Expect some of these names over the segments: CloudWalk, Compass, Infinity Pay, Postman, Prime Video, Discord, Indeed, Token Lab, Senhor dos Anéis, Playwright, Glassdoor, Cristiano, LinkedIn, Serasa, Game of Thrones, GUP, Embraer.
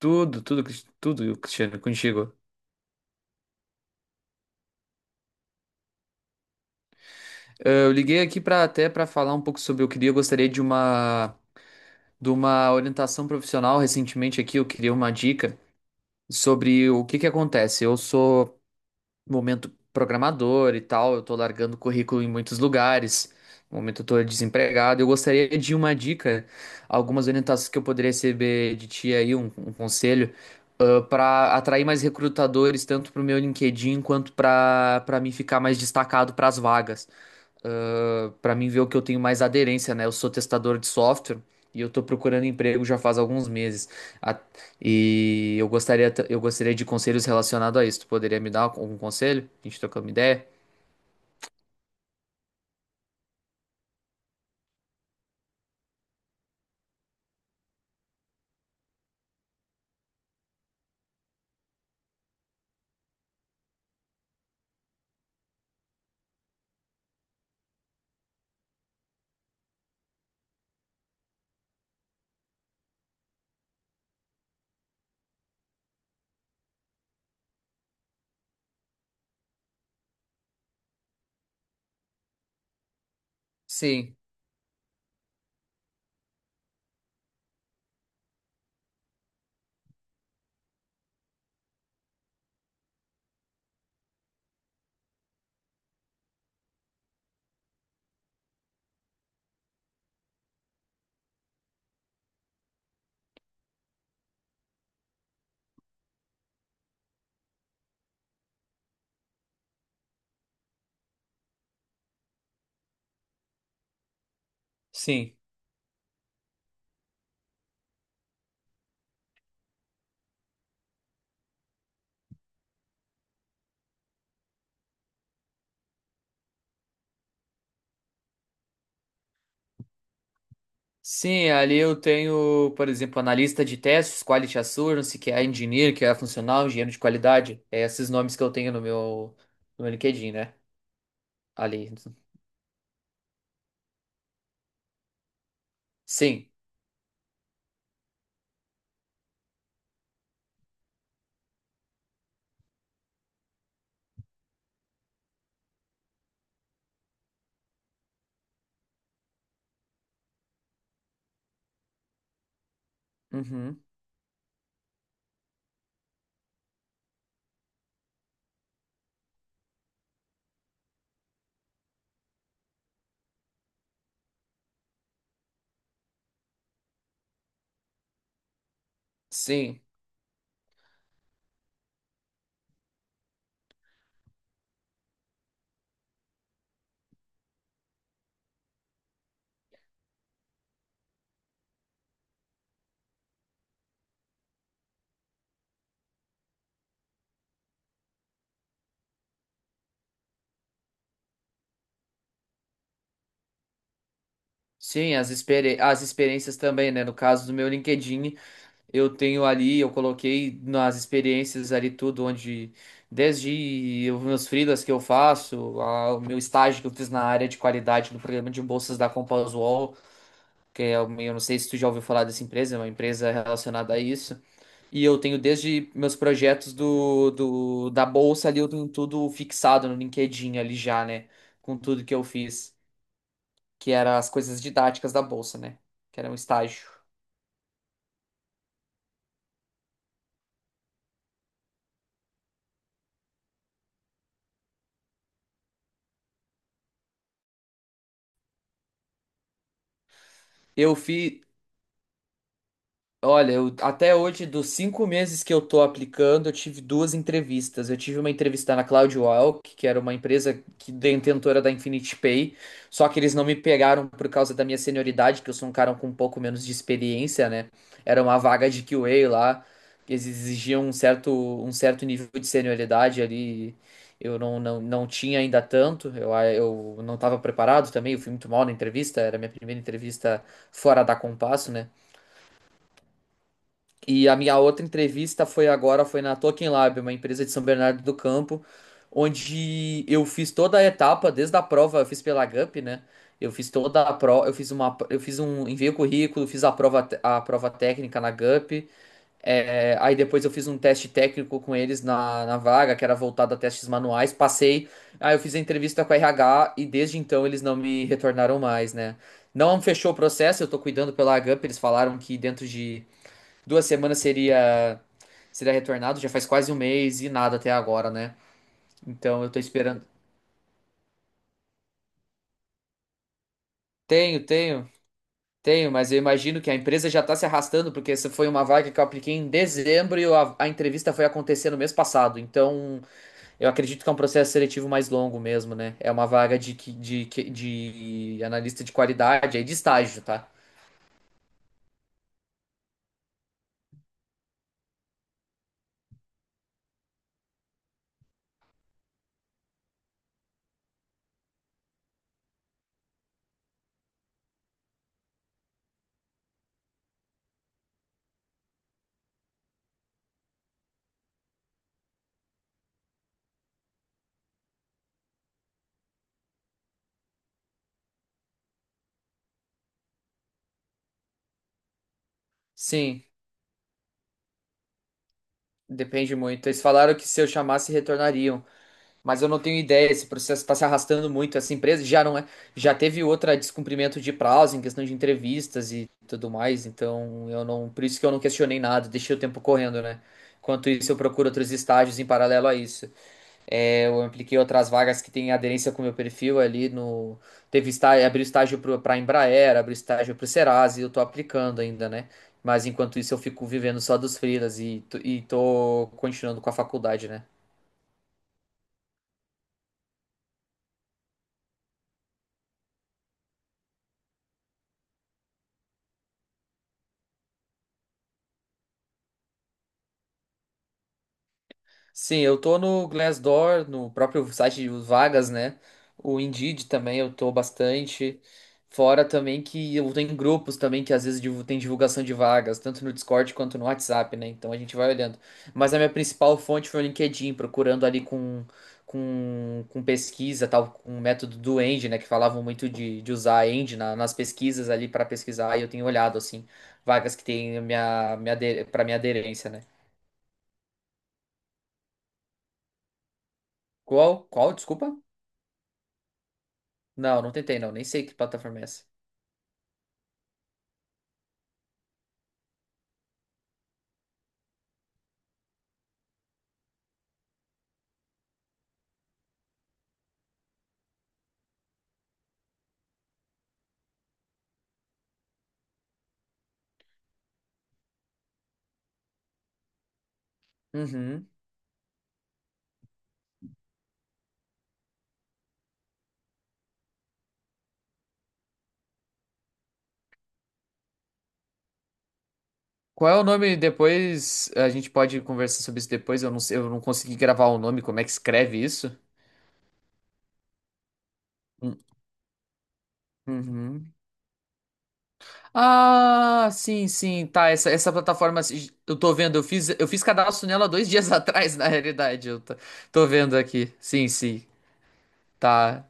Tudo, Cristiano, contigo. Eu liguei aqui para falar um pouco sobre eu gostaria de uma orientação profissional recentemente aqui, eu queria uma dica sobre o que que acontece. Eu sou momento programador e tal, eu tô largando currículo em muitos lugares. No momento eu tô desempregado. Eu gostaria de uma dica, algumas orientações que eu poderia receber de ti aí, um conselho, para atrair mais recrutadores, tanto pro meu LinkedIn quanto para mim ficar mais destacado para as vagas para mim ver o que eu tenho mais aderência, né? Eu sou testador de software e eu tô procurando emprego já faz alguns meses. A- E eu gostaria de conselhos relacionados a isso. Tu poderia me dar algum conselho? A gente trocando uma ideia? Sim, sim. Sim, ali eu tenho, por exemplo, analista de testes, quality assurance, que é engineer, que é funcional, engenheiro de qualidade. É esses nomes que eu tenho no meu, no meu LinkedIn, né? Ali. Sim. Uhum. Sim. Sim, as experiências também, né? No caso do meu LinkedIn, eu tenho ali, eu coloquei nas experiências ali tudo, onde desde os meus freelas que eu faço, o meu estágio que eu fiz na área de qualidade do programa de bolsas da Compass eu não sei se tu já ouviu falar dessa empresa, é uma empresa relacionada a isso. E eu tenho desde meus projetos do, do da bolsa ali, eu tenho tudo fixado no LinkedIn ali já, né? Com tudo que eu fiz que era as coisas didáticas da bolsa, né? Que era um estágio. Eu fiz. Olha, até hoje, dos 5 meses que eu tô aplicando, eu tive duas entrevistas. Eu tive uma entrevista na CloudWalk, que era uma empresa que detentora da Infinity Pay, só que eles não me pegaram por causa da minha senioridade, que eu sou um cara com um pouco menos de experiência, né? Era uma vaga de QA lá, que eles exigiam um certo nível de senioridade ali. Eu não, não, não tinha ainda tanto, eu não estava preparado também, eu fui muito mal na entrevista, era a minha primeira entrevista fora da compasso, né? E a minha outra entrevista foi agora, foi na Token Lab, uma empresa de São Bernardo do Campo, onde eu fiz toda a etapa, desde a prova, eu fiz pela GUP, né? Eu fiz toda a prova, eu fiz uma, eu fiz um, enviei o currículo, fiz a prova, a prova técnica na GUP, aí depois eu fiz um teste técnico com eles na, na vaga, que era voltado a testes manuais, passei, aí eu fiz a entrevista com a RH e desde então eles não me retornaram mais, né? Não fechou o processo, eu tô cuidando pela GUP, eles falaram que dentro de 2 semanas seria seria retornado, já faz quase um mês e nada até agora, né? Então eu tô esperando. Tenho, tenho, tenho, mas eu imagino que a empresa já tá se arrastando, porque essa foi uma vaga que eu apliquei em dezembro e a entrevista foi acontecer no mês passado. Então eu acredito que é um processo seletivo mais longo mesmo, né? É uma vaga de analista de qualidade, aí de estágio, tá? Sim, depende muito. Eles falaram que se eu chamasse, retornariam. Mas eu não tenho ideia, esse processo está se arrastando muito. Essa empresa já não é, já teve outra descumprimento de prazo em questão de entrevistas e tudo mais. Então eu não, por isso que eu não questionei nada, deixei o tempo correndo, né? Enquanto isso, eu procuro outros estágios em paralelo a isso. É, eu apliquei outras vagas que têm aderência com o meu perfil ali no. Teve estágio, abri estágio para a Embraer, abri estágio para o Serasa e eu tô aplicando ainda, né? Mas enquanto isso, eu fico vivendo só dos freelas e tô continuando com a faculdade, né? Sim, eu tô no Glassdoor, no próprio site de vagas, né? O Indeed também eu tô bastante. Fora também que eu tenho grupos também que às vezes tem divulgação de vagas, tanto no Discord quanto no WhatsApp, né? Então a gente vai olhando. Mas a minha principal fonte foi o LinkedIn, procurando ali com pesquisa, tal, com o método do End, né? Que falavam muito de usar a End nas pesquisas ali para pesquisar, e eu tenho olhado, assim, vagas que tem para minha aderência, né? Qual? Qual? Desculpa? Não, não tentei, não. Nem sei que plataforma é essa. Uhum. Qual é o nome depois? A gente pode conversar sobre isso depois. Eu não sei, eu não consegui gravar o nome. Como é que escreve isso? Hum, uhum. Ah, sim, sim, tá. Essa plataforma, assim, eu tô vendo. Eu fiz cadastro nela 2 dias atrás, na realidade. Eu tô vendo aqui. Sim, sim, tá.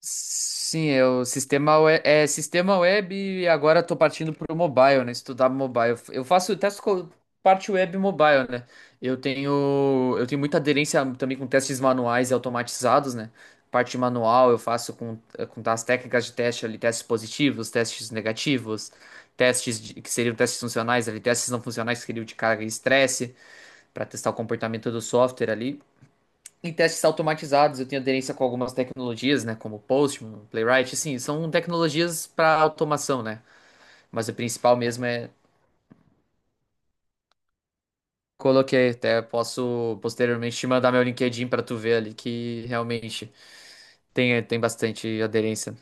Sim, é o sistema web, é sistema web e agora estou partindo para o mobile, né? Estudar mobile. Eu faço testes com parte web e mobile, né? Eu tenho muita aderência também com testes manuais e automatizados, né? Parte manual eu faço com as técnicas de teste ali, testes positivos, testes negativos, que seriam testes funcionais ali, testes não funcionais que seriam de carga e estresse para testar o comportamento do software ali em testes automatizados, eu tenho aderência com algumas tecnologias, né, como Postman, Playwright, assim, são tecnologias para automação, né? Mas o principal mesmo é. Coloquei, até posso posteriormente te mandar meu LinkedIn para tu ver ali que realmente tem bastante aderência.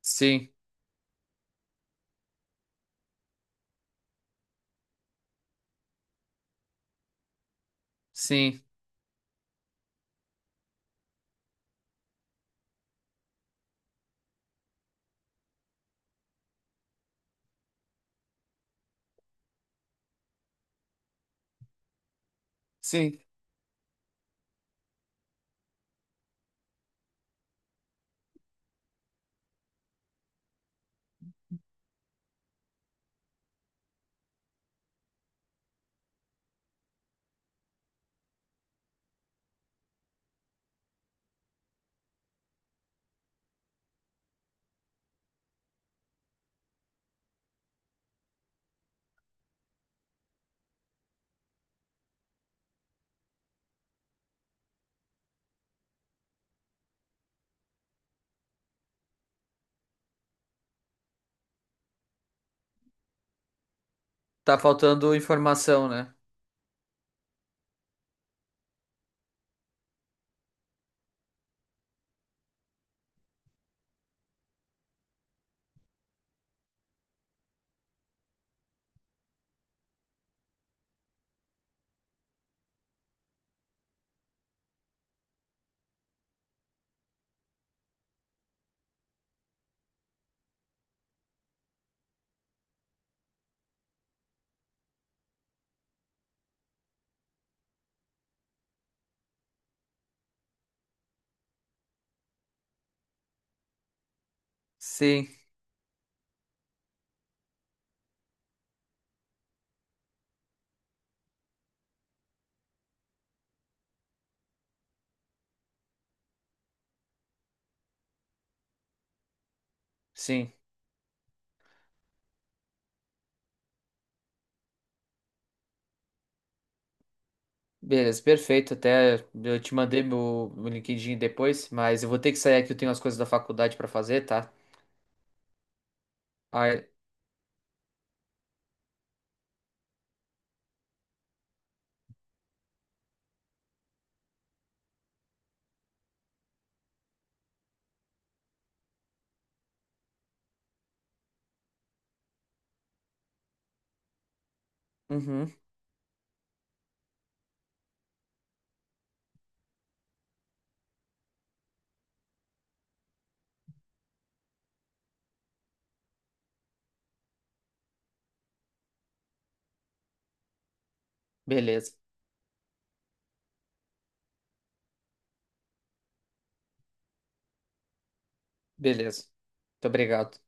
Sim, sim, sim. Tá faltando informação, né? Sim, sim. Beleza, perfeito. Até eu te mandei meu LinkedIn depois, mas eu vou ter que sair aqui, eu tenho as coisas da faculdade para fazer, tá? Ai, uhum, beleza. Beleza. Muito obrigado.